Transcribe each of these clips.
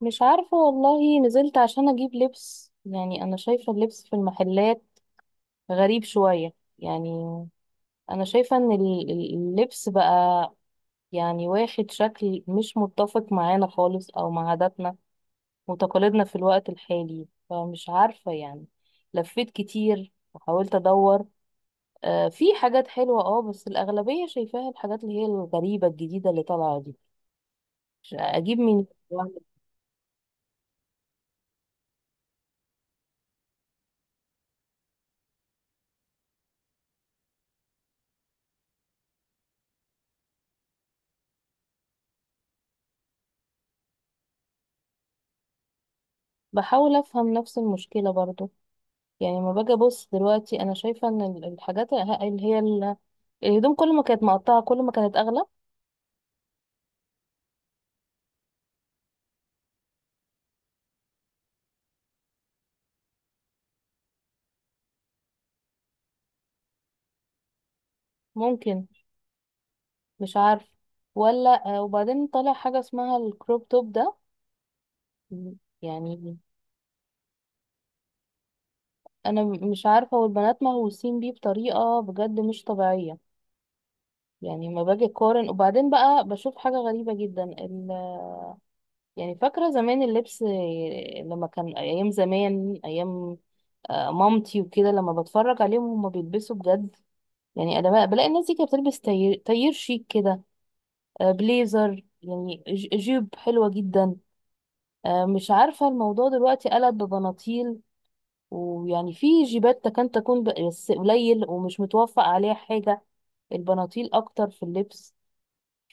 مش عارفة والله. نزلت عشان أجيب لبس يعني، أنا شايفة اللبس في المحلات غريب شوية يعني. أنا شايفة إن اللبس بقى يعني واخد شكل مش متفق معانا خالص، أو مع عاداتنا وتقاليدنا في الوقت الحالي. فمش عارفة يعني، لفيت كتير وحاولت أدور. في حاجات حلوة بس الأغلبية شايفاها، الحاجات اللي هي الغريبة الجديدة اللي طالعة دي. أجيب من... بحاول أفهم نفس المشكلة برضو. يعني ما باجي ابص دلوقتي، انا شايفه ان الحاجات اللي هي الهدوم، كل ما كانت مقطعه كل ما كانت اغلى. ممكن. مش عارف. ولا وبعدين طلع حاجه اسمها الكروب توب ده يعني. انا مش عارفه، والبنات مهووسين بيه بطريقه بجد مش طبيعيه. يعني ما باجي اقارن، وبعدين بقى بشوف حاجه غريبه جدا يعني فاكره زمان اللبس، لما كان ايام زمان، ايام. مامتي وكده، لما بتفرج عليهم هما بيلبسوا بجد يعني. انا بلاقي الناس دي كانت بتلبس تاير شيك كده. بليزر يعني جيب حلوة جدا. مش عارفة الموضوع دلوقتي قلب ببناطيل. ويعني في جيبات كان تكون، بس قليل ومش متوفق عليها حاجة. البناطيل اكتر في اللبس.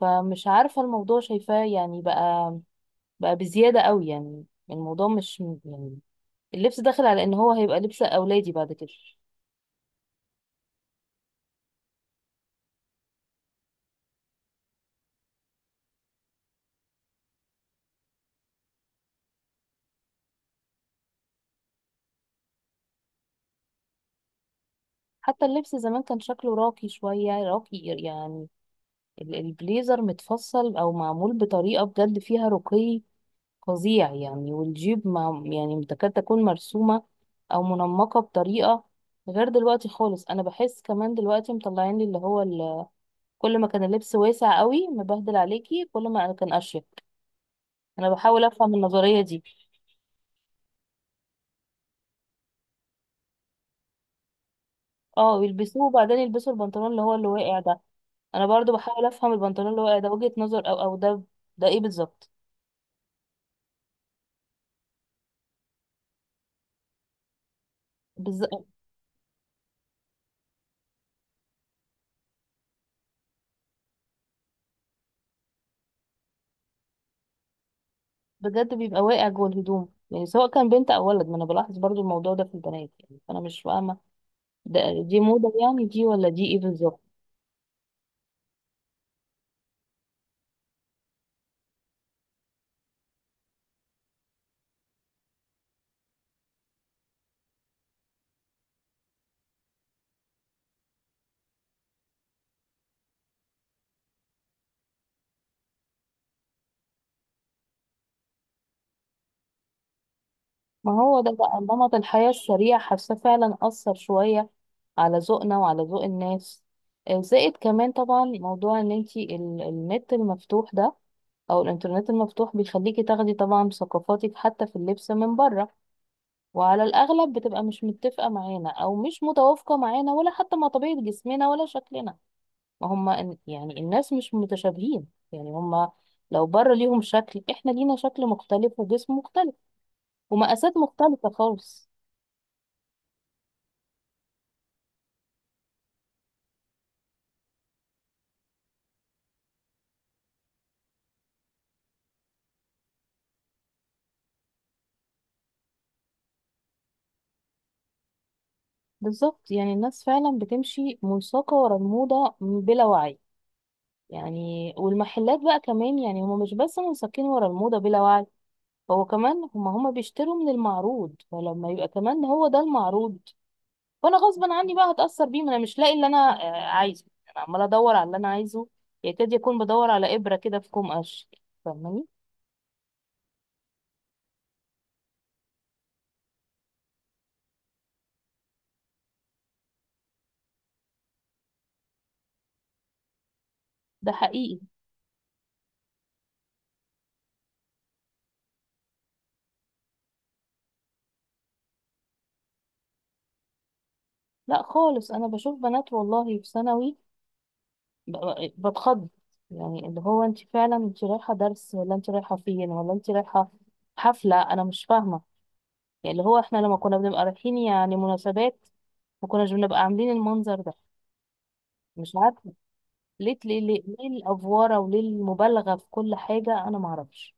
فمش عارفة، الموضوع شايفاه يعني بقى بزيادة قوي يعني. الموضوع مش يعني، اللبس داخل على ان هو هيبقى لبس اولادي بعد كده. حتى اللبس زمان كان شكله راقي، شوية راقي يعني. البليزر متفصل او معمول بطريقه بجد فيها رقي فظيع يعني. والجيب مع، يعني، تكاد تكون مرسومه او منمقه بطريقه. غير دلوقتي خالص. انا بحس كمان دلوقتي مطلعين لي اللي هو كل ما كان اللبس واسع قوي مبهدل عليكي، كل ما كان اشيك. انا بحاول افهم النظريه دي. اه، يلبسوه وبعدين يلبسوا البنطلون اللي هو اللي واقع ده. انا برضو بحاول افهم البنطلون اللي واقع ده، وجهة نظر او ده. ده ايه بالظبط؟ بجد بيبقى واقع جوه الهدوم يعني، سواء كان بنت او ولد. ما انا بلاحظ برضو الموضوع ده في البنات يعني، فانا مش فاهمه. ده دي موضه يعني؟ دي ولا دي ايه بالظبط؟ ما هو ده بقى نمط الحياه السريع. حاسه فعلا اثر شويه على ذوقنا وعلى ذوق الناس. زائد كمان طبعا موضوع ان انتي النت المفتوح ده، او الانترنت المفتوح، بيخليكي تاخدي طبعا ثقافاتك حتى في اللبس من بره. وعلى الاغلب بتبقى مش متفقه معانا، او مش متوافقه معانا، ولا حتى مع طبيعه جسمنا ولا شكلنا. ما هم يعني الناس مش متشابهين. يعني هم لو بره ليهم شكل، احنا لينا شكل مختلف وجسم مختلف ومقاسات مختلفة خالص. بالظبط. يعني الناس فعلا بتمشي منساقة ورا الموضة بلا وعي. يعني والمحلات بقى كمان، يعني هم مش بس منساقين ورا الموضة بلا وعي، هو كمان هم بيشتروا من المعروض. فلما يبقى كمان هو ده المعروض، فانا غصبا عني بقى هتاثر بيه. ما انا مش لاقي اللي انا عايزه. انا عماله ادور على اللي انا عايزه. يكاد يكون بدور على ابره كده في كوم قش. فاهماني؟ ده حقيقي. لا خالص. انا بشوف بنات والله في ثانوي بتخض. يعني اللي هو، انت فعلا انت رايحه درس؟ ولا انت رايحه فين؟ ولا انت رايحه حفله؟ انا مش فاهمه. يعني اللي هو، احنا لما كنا بنبقى رايحين يعني مناسبات، ما كناش بنبقى عاملين المنظر ده. مش عارفه. ليه ليه ليه، ليه الافواره وليه المبالغه في كل حاجه؟ انا ما اعرفش.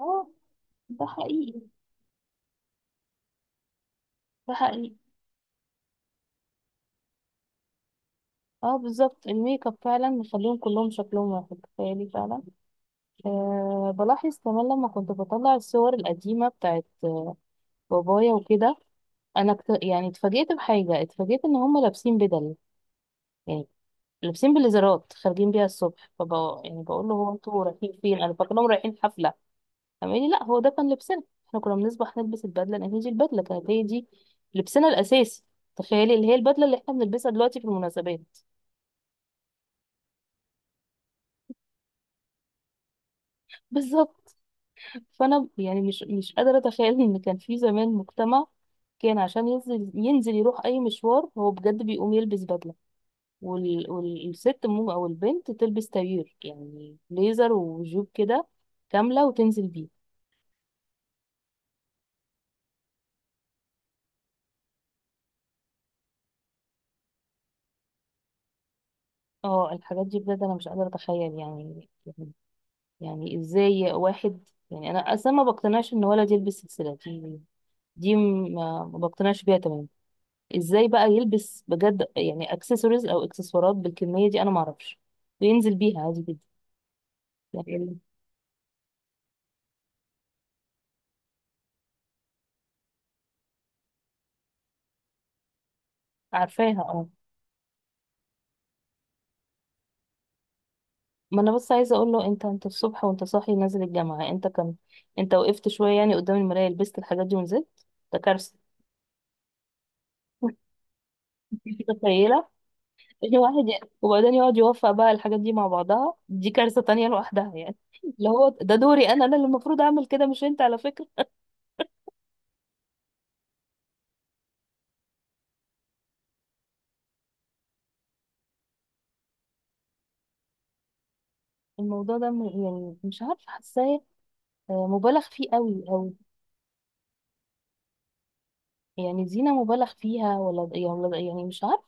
آه. ده حقيقي، ده حقيقي. اه، بالظبط. الميك اب فعلا مخليهم كلهم شكلهم واحد. تخيلي فعلا. بلاحظ كمان، لما كنت بطلع الصور القديمة بتاعت بابايا وكده. انا يعني اتفاجئت بحاجة، اتفاجئت ان هم لابسين بدل يعني، لابسين بليزرات، خارجين بيها الصبح. فبقى يعني بقول له: هو انتوا رايحين فين؟ انا فاكرهم رايحين حفلة. قام قال لي: لا، هو ده كان لبسنا. احنا كنا بنصبح نلبس البدلة، لان هي دي البدلة كانت هي دي لبسنا الاساسي. تخيلي، اللي هي البدلة اللي احنا بنلبسها دلوقتي في المناسبات. بالظبط. فانا يعني مش قادره اتخيل ان كان في زمان، مجتمع كان عشان ينزل يروح اي مشوار، هو بجد بيقوم يلبس بدله. والست او البنت تلبس تغيير يعني ليزر وجيب كده كامله، وتنزل بيه. اه، الحاجات دي بجد انا مش قادره اتخيل يعني. يعني ازاي واحد؟ يعني انا اصلا ما بقتنعش ان ولد يلبس سلسله دي. دي ما بقتنعش بيها تماما. ازاي بقى يلبس بجد يعني اكسسوارز او اكسسوارات بالكميه دي؟ انا ما اعرفش. وينزل بيها عادي جدا. يعني، عارفاها، اه. ما انا بس عايزه اقول له: انت الصبح وانت صاحي نازل الجامعه، انت وقفت شويه يعني قدام المرايه، لبست الحاجات دي ونزلت؟ ده كارثه. دي متخيله الواحد يعني، وبعدين يقعد يوفق بقى الحاجات دي مع بعضها، دي كارثه تانية لوحدها يعني. اللي هو ده دوري انا اللي المفروض اعمل كده مش انت، على فكره. الموضوع ده يعني، مش عارفه حاساه مبالغ فيه قوي، او يعني زينة مبالغ فيها ولا يعني، يعني مش عارف.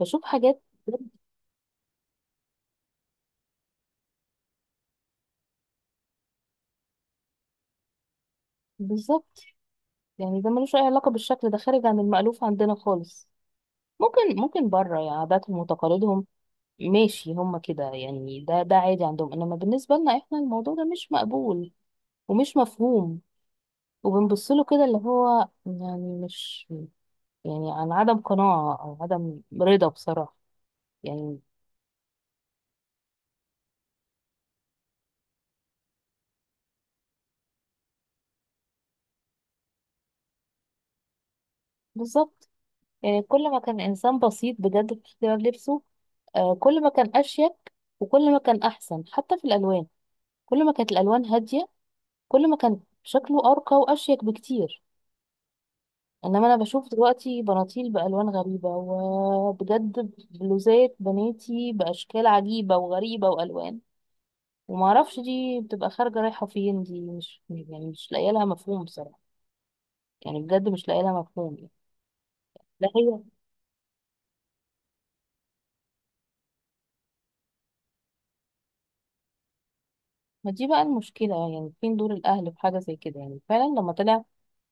بشوف حاجات. بالظبط. يعني ده ملوش أي علاقة بالشكل، ده خارج عن المألوف عندنا خالص. ممكن، ممكن بره يعني عاداتهم وتقاليدهم ماشي هما كده يعني، ده عادي عندهم، إنما بالنسبة لنا إحنا الموضوع ده مش مقبول ومش مفهوم. وبنبصله كده، اللي هو يعني مش، يعني عن عدم قناعة أو عدم رضا بصراحة يعني. بالظبط. يعني كل ما كان إنسان بسيط بجد في اختيار لبسه، كل ما كان أشيك، وكل ما كان أحسن حتى في الألوان. كل ما كانت الألوان هادية، كل ما كان شكله أرقى وأشيك بكتير. إنما أنا بشوف دلوقتي بناطيل بألوان غريبة، وبجد بلوزات بناتي بأشكال عجيبة وغريبة وألوان ومعرفش. دي بتبقى خارجة رايحة فين؟ دي مش يعني، مش لاقية لها مفهوم بصراحة. يعني بجد مش لاقية لها مفهوم يعني. لا هي، ما دي بقى المشكلة. يعني فين دور الأهل في حاجة زي كده؟ يعني فعلا لما طلع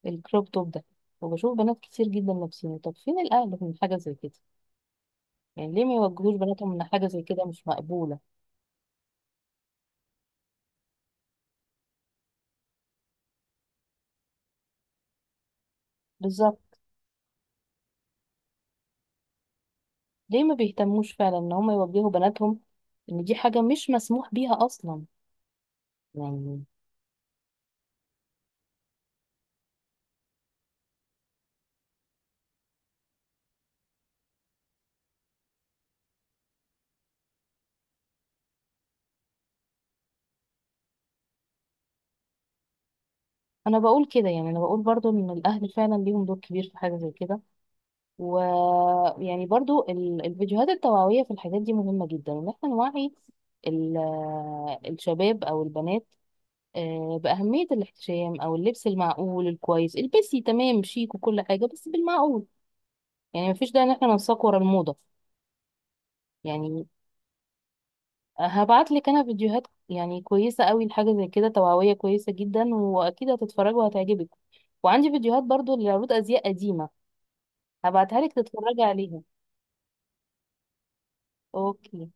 الكروب توب ده، وبشوف بنات كتير جدا لابسينه، طب فين الأهل من حاجة زي كده؟ يعني ليه ما يوجهوش بناتهم إن حاجة زي كده مش مقبولة؟ بالظبط. ليه ما بيهتموش فعلا إن هم يوجهوا بناتهم إن دي حاجة مش مسموح بيها أصلا، يعني. أنا بقول كده، يعني أنا بقول برضو إن الأهل فعلا ليهم دور كبير في حاجة زي كده. ويعني برضو الفيديوهات التوعوية في الحاجات دي مهمة جدا، إن إحنا نوعي ال- الشباب أو البنات بأهمية الاحتشام أو اللبس المعقول الكويس، البسي تمام شيك وكل حاجة بس بالمعقول. يعني مفيش داعي إن احنا ننساق ورا الموضة يعني. هبعت لك أنا فيديوهات يعني كويسة قوي لحاجة زي كده، توعوية كويسة جدا، وأكيد هتتفرجي وهتعجبك. وعندي فيديوهات برضو لعروض أزياء قديمة، هبعتها لك تتفرجي عليها. أوكي.